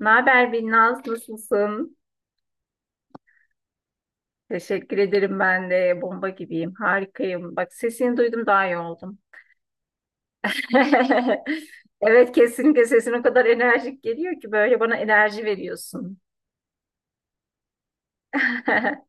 Ne haber Binnaz? Nasılsın? Teşekkür ederim, ben de bomba gibiyim. Harikayım. Bak, sesini duydum, daha iyi oldum. Evet, kesinlikle sesin o kadar enerjik geliyor ki böyle bana enerji veriyorsun.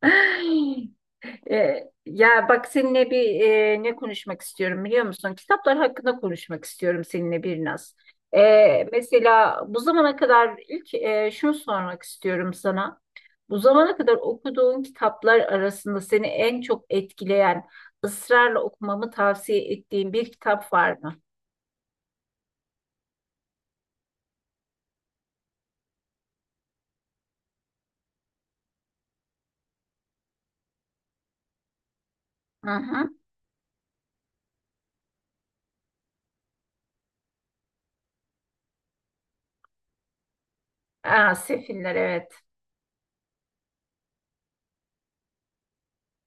Ya bak seninle ne konuşmak istiyorum biliyor musun? Kitaplar hakkında konuşmak istiyorum seninle bir naz. Mesela bu zamana kadar şunu sormak istiyorum sana. Bu zamana kadar okuduğun kitaplar arasında seni en çok etkileyen, ısrarla okumamı tavsiye ettiğin bir kitap var mı? Hı hı. Aa, Sefiller, evet.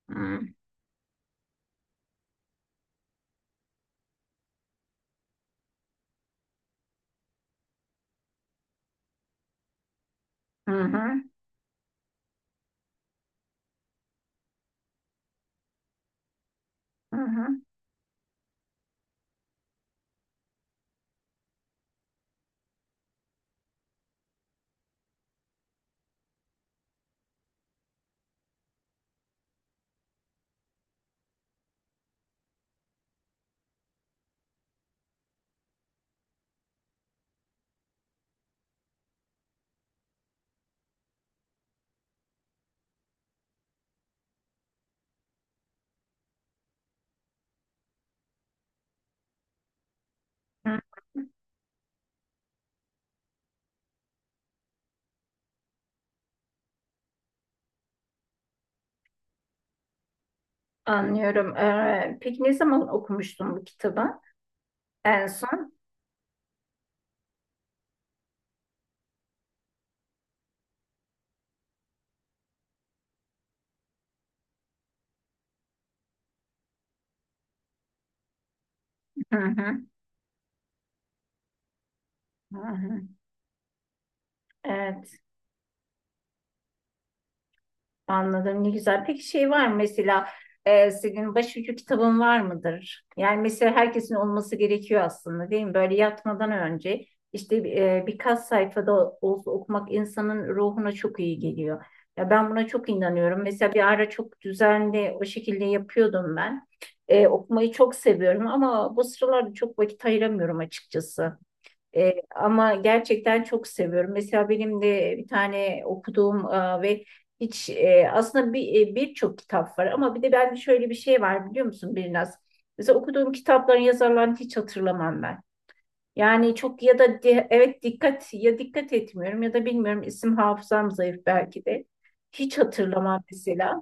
Hı hı. Hı hı. Hı. Anlıyorum. Peki ne zaman okumuştun bu kitabı? En son? Hı hı. Hı hı. Evet, anladım. Ne güzel. Peki şey var mı mesela, senin başucu kitabın var mıdır? Yani mesela herkesin olması gerekiyor aslında değil mi? Böyle yatmadan önce işte birkaç sayfada olsa okumak insanın ruhuna çok iyi geliyor. Ya ben buna çok inanıyorum. Mesela bir ara çok düzenli o şekilde yapıyordum ben. Okumayı çok seviyorum ama bu sıralarda çok vakit ayıramıyorum açıkçası. Ama gerçekten çok seviyorum. Mesela benim de bir tane okuduğum e, ve hiç e, aslında bir e, birçok kitap var, ama bir de bende şöyle bir şey var biliyor musun Birnaz? Mesela okuduğum kitapların yazarlarını hiç hatırlamam ben. Yani çok, evet, dikkat, ya dikkat etmiyorum ya da bilmiyorum, isim hafızam zayıf belki de. Hiç hatırlamam mesela.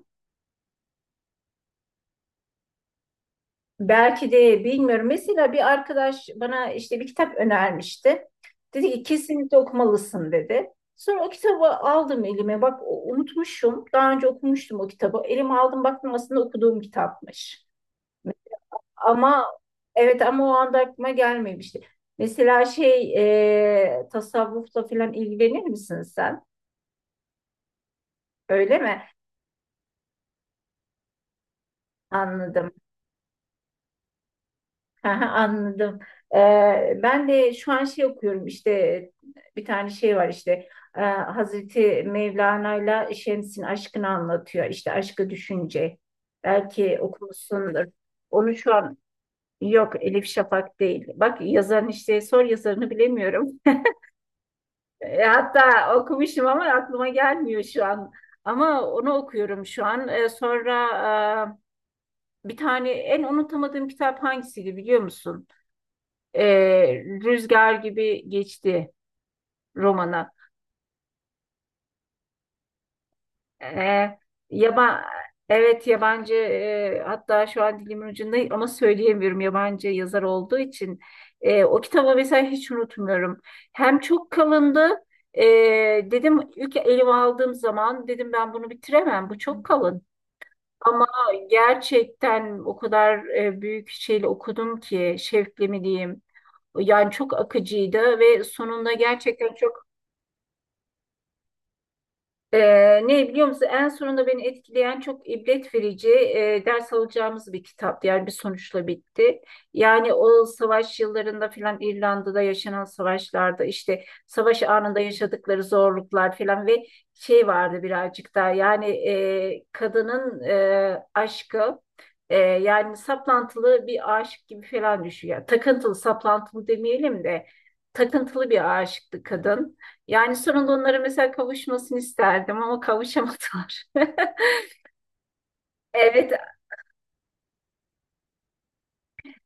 Belki de bilmiyorum. Mesela bir arkadaş bana işte bir kitap önermişti. Dedi ki kesinlikle okumalısın dedi. Sonra o kitabı aldım elime. Bak unutmuşum. Daha önce okumuştum o kitabı. Elime aldım, baktım, aslında okuduğum kitapmış. Ama evet ama o anda aklıma gelmemişti. Mesela şey, tasavvufla falan ilgilenir misin sen? Öyle mi? Anladım. Aha, anladım. Ben de şu an şey okuyorum, işte e, bir tane şey var işte e, Hazreti Mevlana'yla Şems'in aşkını anlatıyor. İşte Aşkı Düşünce. Belki okumuşsundur. Onu şu an, yok, Elif Şafak değil. Bak, yazarın işte, sor, yazarını bilemiyorum. Hatta okumuşum ama aklıma gelmiyor şu an. Ama onu okuyorum şu an. Bir tane en unutamadığım kitap hangisiydi biliyor musun? Rüzgar Gibi Geçti Romana. E, yaba, evet, yabancı, hatta şu an dilimin ucunda ama söyleyemiyorum, yabancı yazar olduğu için. O kitabı mesela hiç unutmuyorum. Hem çok kalındı. e, Dedim ilk elime aldığım zaman, dedim ben bunu bitiremem, bu çok kalın. Ama gerçekten o kadar büyük şeyle okudum ki, şevkle mi diyeyim. Yani çok akıcıydı ve sonunda gerçekten çok... ne biliyor musun? En sonunda beni etkileyen çok ibret verici, ders alacağımız bir kitap. Yani bir sonuçla bitti. Yani o savaş yıllarında filan, İrlanda'da yaşanan savaşlarda işte savaş anında yaşadıkları zorluklar filan ve şey vardı, birazcık daha yani kadının aşkı, yani saplantılı bir aşık gibi falan düşüyor. Yani takıntılı, saplantılı demeyelim de takıntılı bir aşıktı kadın. Yani sonunda onlara mesela kavuşmasını isterdim ama kavuşamadılar. Evet.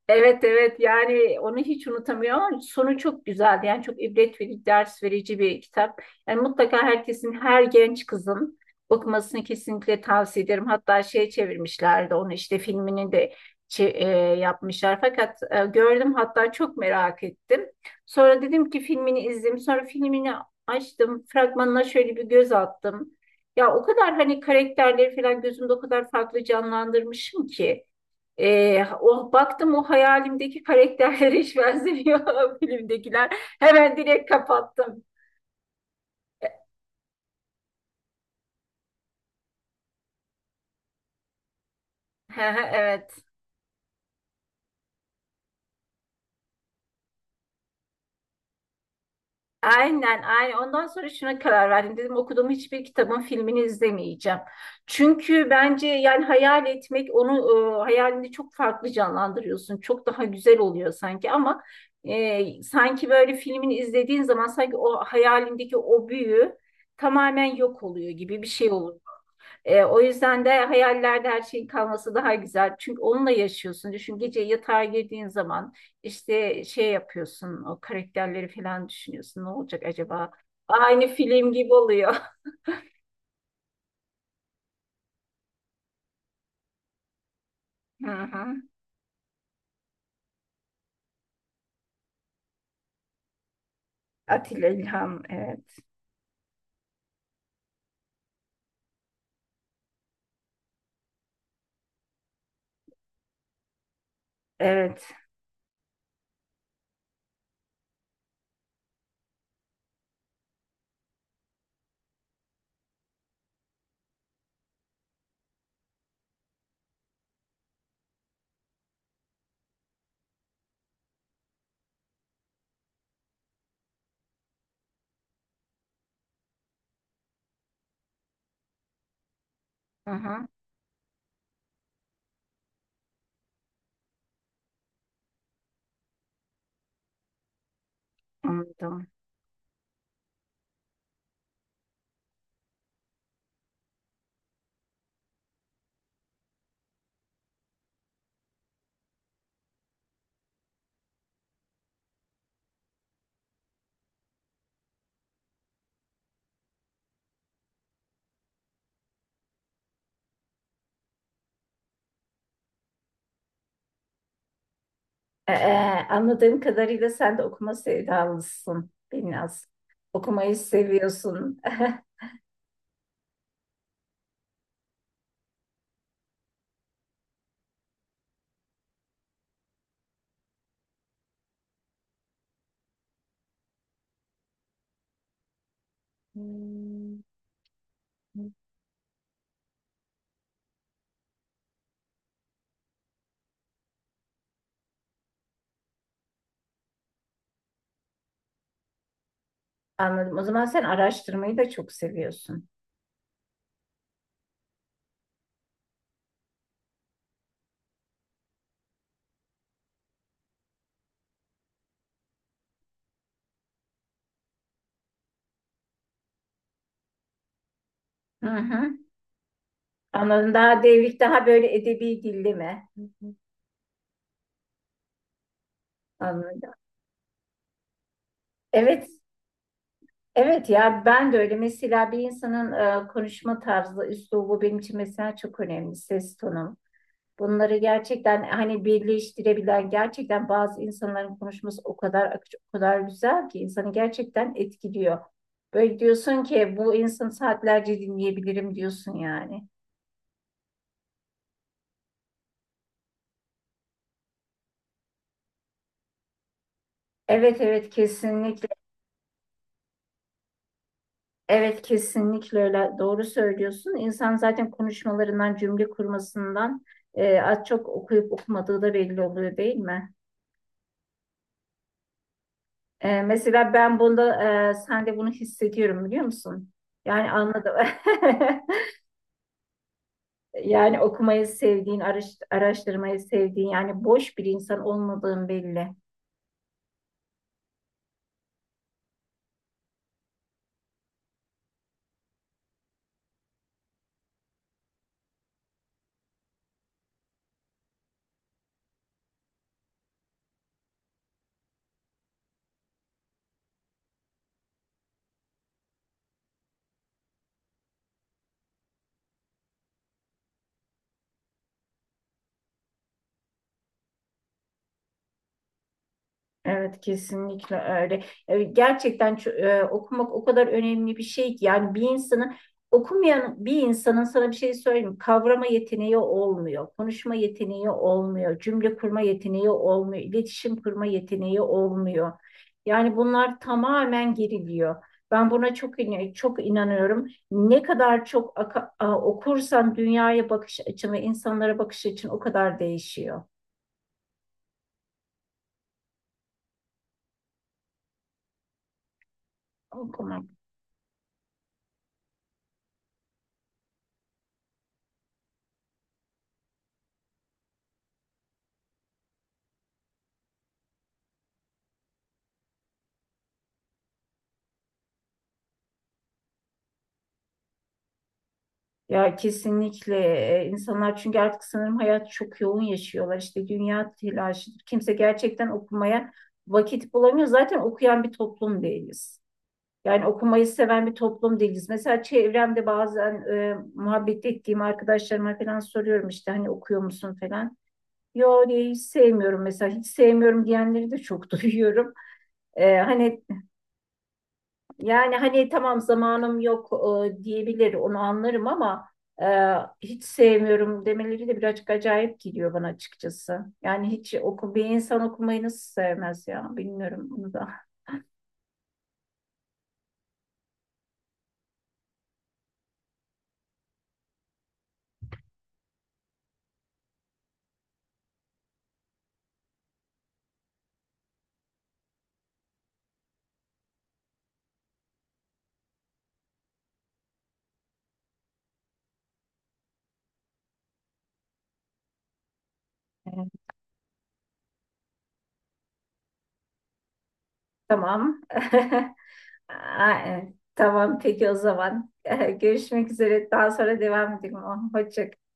Evet, evet yani onu hiç unutamıyorum ama sonu çok güzeldi. Yani çok ibret verici, ders verici bir kitap. Yani mutlaka herkesin, her genç kızın okumasını kesinlikle tavsiye ederim. Hatta şey, çevirmişlerdi onu işte, filmini de çe- yapmışlar. Fakat gördüm, hatta çok merak ettim. Sonra dedim ki filmini izleyeyim. Sonra filmini açtım. Fragmanına şöyle bir göz attım. Ya o kadar hani karakterleri falan gözümde o kadar farklı canlandırmışım ki. O baktım, o hayalimdeki karakterlere hiç benzemiyor filmdekiler. Hemen direkt kapattım. Evet. Aynen, aynen. Ondan sonra şuna karar verdim. Dedim okuduğum hiçbir kitabın filmini izlemeyeceğim. Çünkü bence yani hayal etmek onu, hayalini çok farklı canlandırıyorsun. Çok daha güzel oluyor sanki ama sanki böyle filmini izlediğin zaman sanki o hayalindeki o büyü tamamen yok oluyor gibi bir şey oluyor. O yüzden de hayallerde her şeyin kalması daha güzel. Çünkü onunla yaşıyorsun. Düşün, gece yatağa girdiğin zaman işte şey yapıyorsun, o karakterleri falan düşünüyorsun. Ne olacak acaba? Aynı film gibi oluyor. Hı hı. Atilla İlham. Evet. Evet. Hı hı. Anladım. E, e, anladığım kadarıyla sen de okuma sevdalısın. Biraz. Okumayı seviyorsun. Hmm. Anladım. O zaman sen araştırmayı da çok seviyorsun. Hı hı. Anladım. Daha devrik, daha böyle edebi dilli mi? Hı hı. Anladım. Evet, evet, ben de öyle. Mesela bir insanın konuşma tarzı, üslubu benim için mesela çok önemli. Ses tonu. Bunları gerçekten hani birleştirebilen, gerçekten bazı insanların konuşması o kadar akıcı, o kadar güzel ki insanı gerçekten etkiliyor. Böyle diyorsun ki bu insanı saatlerce dinleyebilirim diyorsun yani. Evet, evet, kesinlikle. Evet, kesinlikle öyle, doğru söylüyorsun. İnsan zaten konuşmalarından, cümle kurmasından az çok okuyup okumadığı da belli oluyor değil mi? Mesela ben bunda, sen de bunu hissediyorum biliyor musun? Yani anladım. Yani okumayı sevdiğin, araştırmayı sevdiğin, yani boş bir insan olmadığın belli. Evet, kesinlikle öyle. E, Gerçekten ço- okumak o kadar önemli bir şey ki, yani bir insanın, okumayan bir insanın, sana bir şey söyleyeyim mi? Kavrama yeteneği olmuyor, konuşma yeteneği olmuyor, cümle kurma yeteneği olmuyor, iletişim kurma yeteneği olmuyor. Yani bunlar tamamen geriliyor. Ben buna çok inanıyorum. Ne kadar çok okursan dünyaya bakış açın ve insanlara bakış açın o kadar değişiyor. Okumak. Ya kesinlikle, insanlar çünkü artık sanırım hayat çok yoğun yaşıyorlar. İşte dünya telaşıdır. Kimse gerçekten okumaya vakit bulamıyor. Zaten okuyan bir toplum değiliz. Yani okumayı seven bir toplum değiliz. Mesela çevremde bazen muhabbet ettiğim arkadaşlarıma falan soruyorum, işte hani okuyor musun falan. Yo diye, hiç sevmiyorum mesela, hiç sevmiyorum diyenleri de çok duyuyorum. Hani, yani hani tamam, zamanım yok diyebilir, onu anlarım ama e, hiç sevmiyorum demeleri de birazcık acayip geliyor bana açıkçası. Yani bir insan okumayı nasıl sevmez ya, bilmiyorum bunu da. Evet. Tamam. Aa, tamam peki o zaman. Görüşmek üzere. Daha sonra devam edelim. Hoşça